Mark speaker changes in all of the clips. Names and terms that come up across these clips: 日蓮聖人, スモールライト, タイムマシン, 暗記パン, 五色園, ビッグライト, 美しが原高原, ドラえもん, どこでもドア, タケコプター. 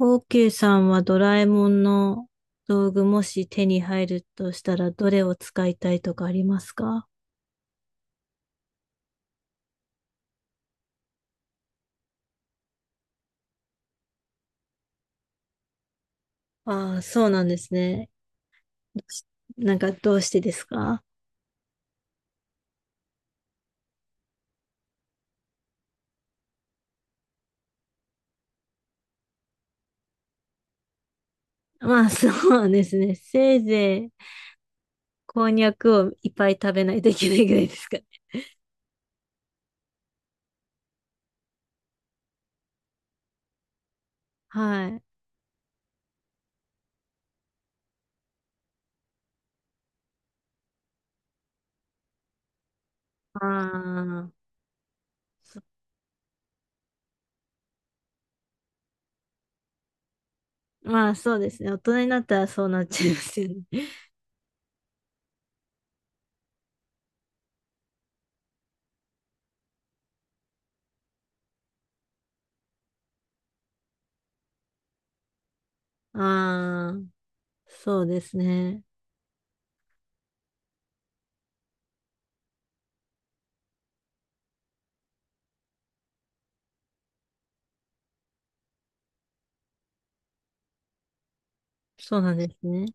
Speaker 1: オーケーさんはドラえもんの道具、もし手に入るとしたらどれを使いたいとかありますか？ああ、そうなんですね。なんかどうしてですか？まあそうですね。せいぜいこんにゃくをいっぱい食べないといけないぐらいですかね。はい。ああ、そまあそうですね。大人になったらそうなっちゃいますよね。ああ、そうですね。そうなんですね。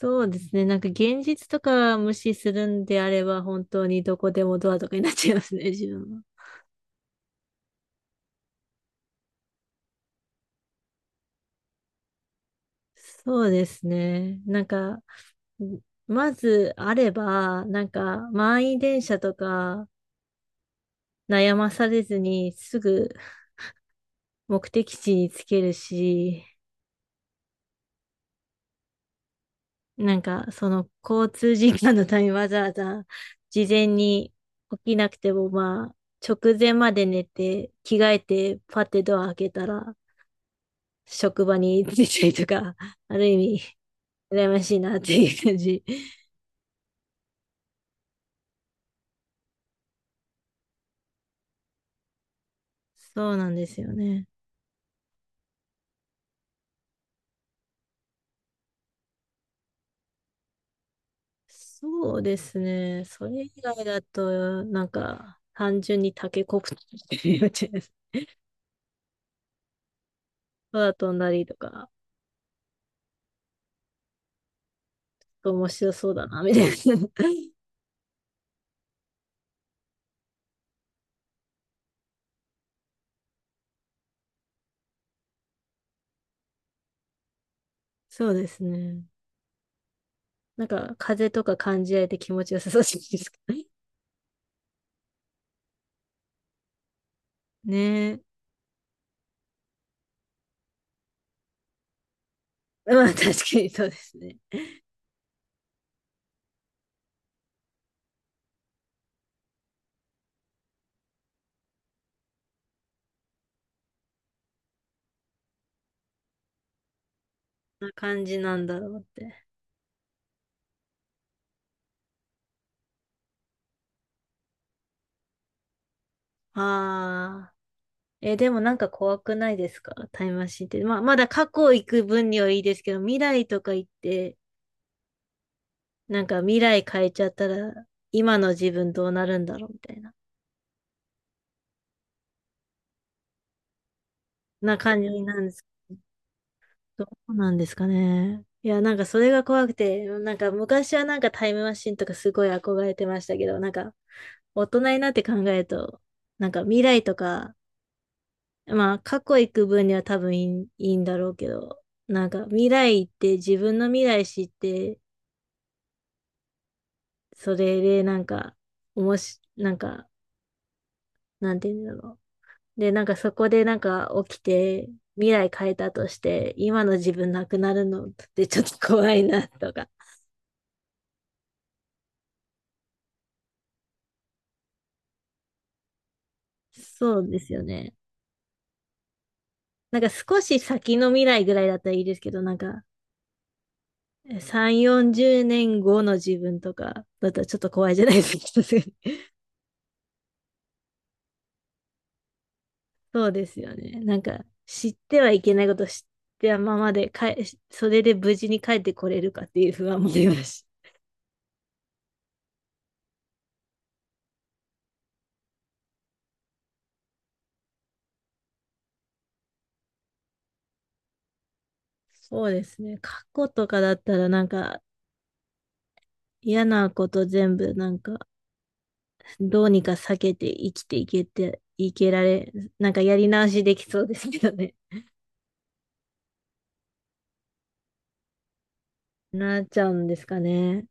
Speaker 1: そうですね。なんか現実とか無視するんであれば、本当にどこでもドアとかになっちゃいますね、自分は。そうですね。なんか、んまずあれば、なんか満員電車とか悩まされずにすぐ目的地につけるし、なんかその交通時間のためにわざわざ事前に起きなくても、まあ、直前まで寝て着替えてパッてドア開けたら、職場についたりとか、ある意味、羨ましいなっていう感じ。そうなんですよね。そうですね。それ以外だと、なんか、単純にタケコプターって言っちゃいます。空飛んだりとか、面白そうだな、みたいな。そうですね。なんか、風とか感じられて気持ちよさそうじゃないですか。ねえ。まあ、確かにそうですね。こんな感じなんだろうって。ああ。え、でもなんか怖くないですかタイムマシンって。まあ、まだ過去行く分にはいいですけど、未来とか行って、なんか未来変えちゃったら、今の自分どうなるんだろうみたいな、な感じなんですけど、どうなんですかね。いや、なんかそれが怖くて、なんか昔はなんかタイムマシンとかすごい憧れてましたけど、なんか大人になって考えると、なんか未来とか、まあ過去行く分には多分いいんだろうけど、なんか未来行って自分の未来知って、それでなんか、おもし、なんか、なんて言うんだろう。で、なんかそこでなんか起きて、未来変えたとして、今の自分なくなるのってちょっと怖いなとか。そうですよね。なんか少し先の未来ぐらいだったらいいですけど、なんか、3、40年後の自分とかだったらちょっと怖いじゃないですか。そうですよね。なんか、知ってはいけないこと知ってはままで、かえ、それで無事に帰ってこれるかっていう不安もありますし、そうですね。過去とかだったらなんか嫌なこと全部なんかどうにか避けて生きていけて、いけられ、なんかやり直しできそうですけどね。なっちゃうんですかね。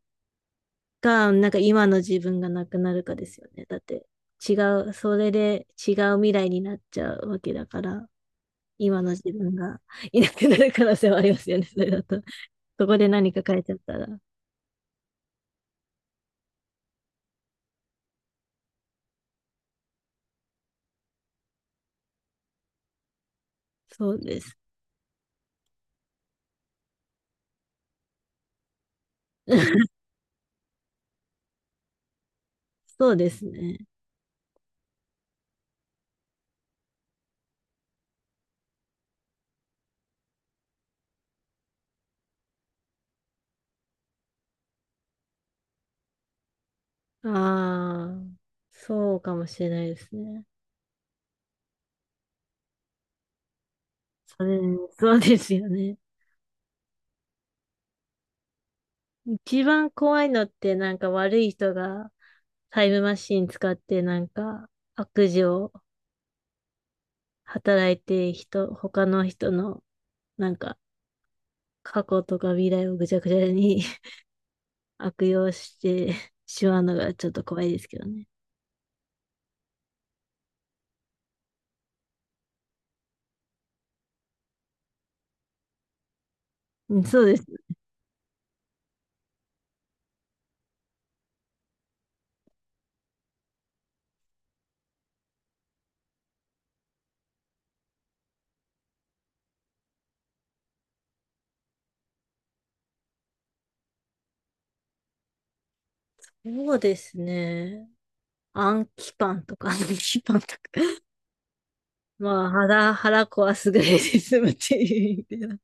Speaker 1: か、なんか今の自分がなくなるかですよね。だって違それで違う未来になっちゃうわけだから、今の自分がいなくなる可能性はありますよね。それだと。そこで何か変えちゃったら。そうです。そうですね。ああ、そうかもしれないですね。それ、そうですよね。一番怖いのってなんか悪い人がタイムマシン使ってなんか悪事を働いて人、他の人のなんか過去とか未来をぐちゃぐちゃに 悪用してしまうのがちょっと怖いですけどね。うん、そうです。そうですね。暗記パンとか、暗記パンとか。まあ、腹壊すぐらいで済むっていう意味では、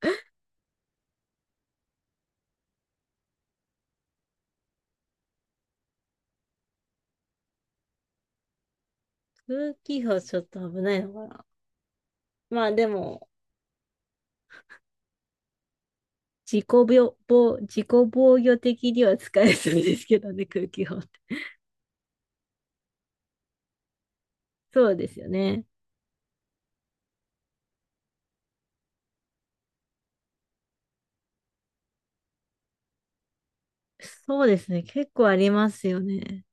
Speaker 1: 風紀法ちょっと危ないのかな。まあでも、自己自己防御的には使えそうですけどね、空気法って。そうですよね。そうですね。結構ありますよね。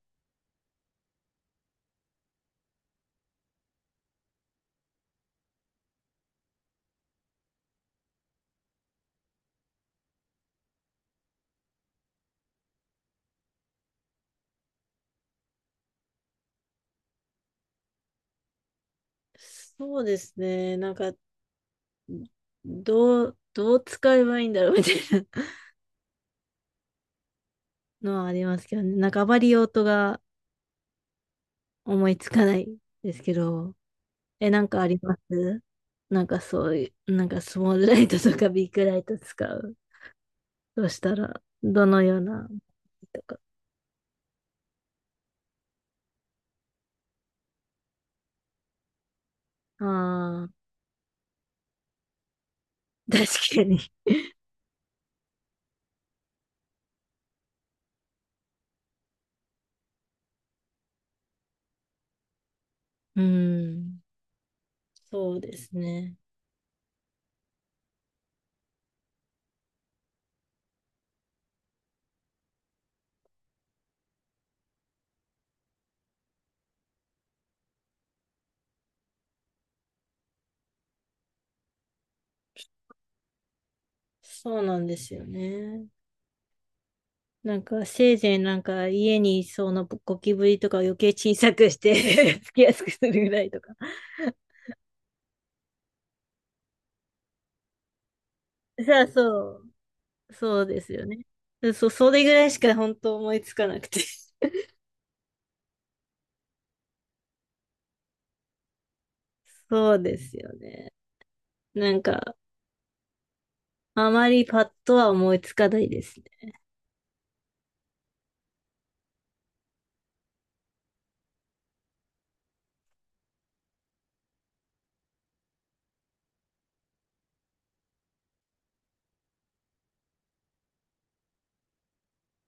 Speaker 1: そうですね。なんか、どう使えばいいんだろうみたいなのはありますけどね。なんかあまり用途が思いつかないですけど。え、なんかありますなんかそういう、なんかスモールライトとかビッグライト使う。どうしたら、どのような、とか。ああ、確かに。うん。そうですね。そうなんですよね。なんか、せいぜいなんか家にいそうなゴキブリとかを余計小さくして つきやすくするぐらいとか。さあ、そう。そうですよね。そう、それぐらいしか本当思いつかなくて。そうですよね。なんか、あまりパッとは思いつかないですね。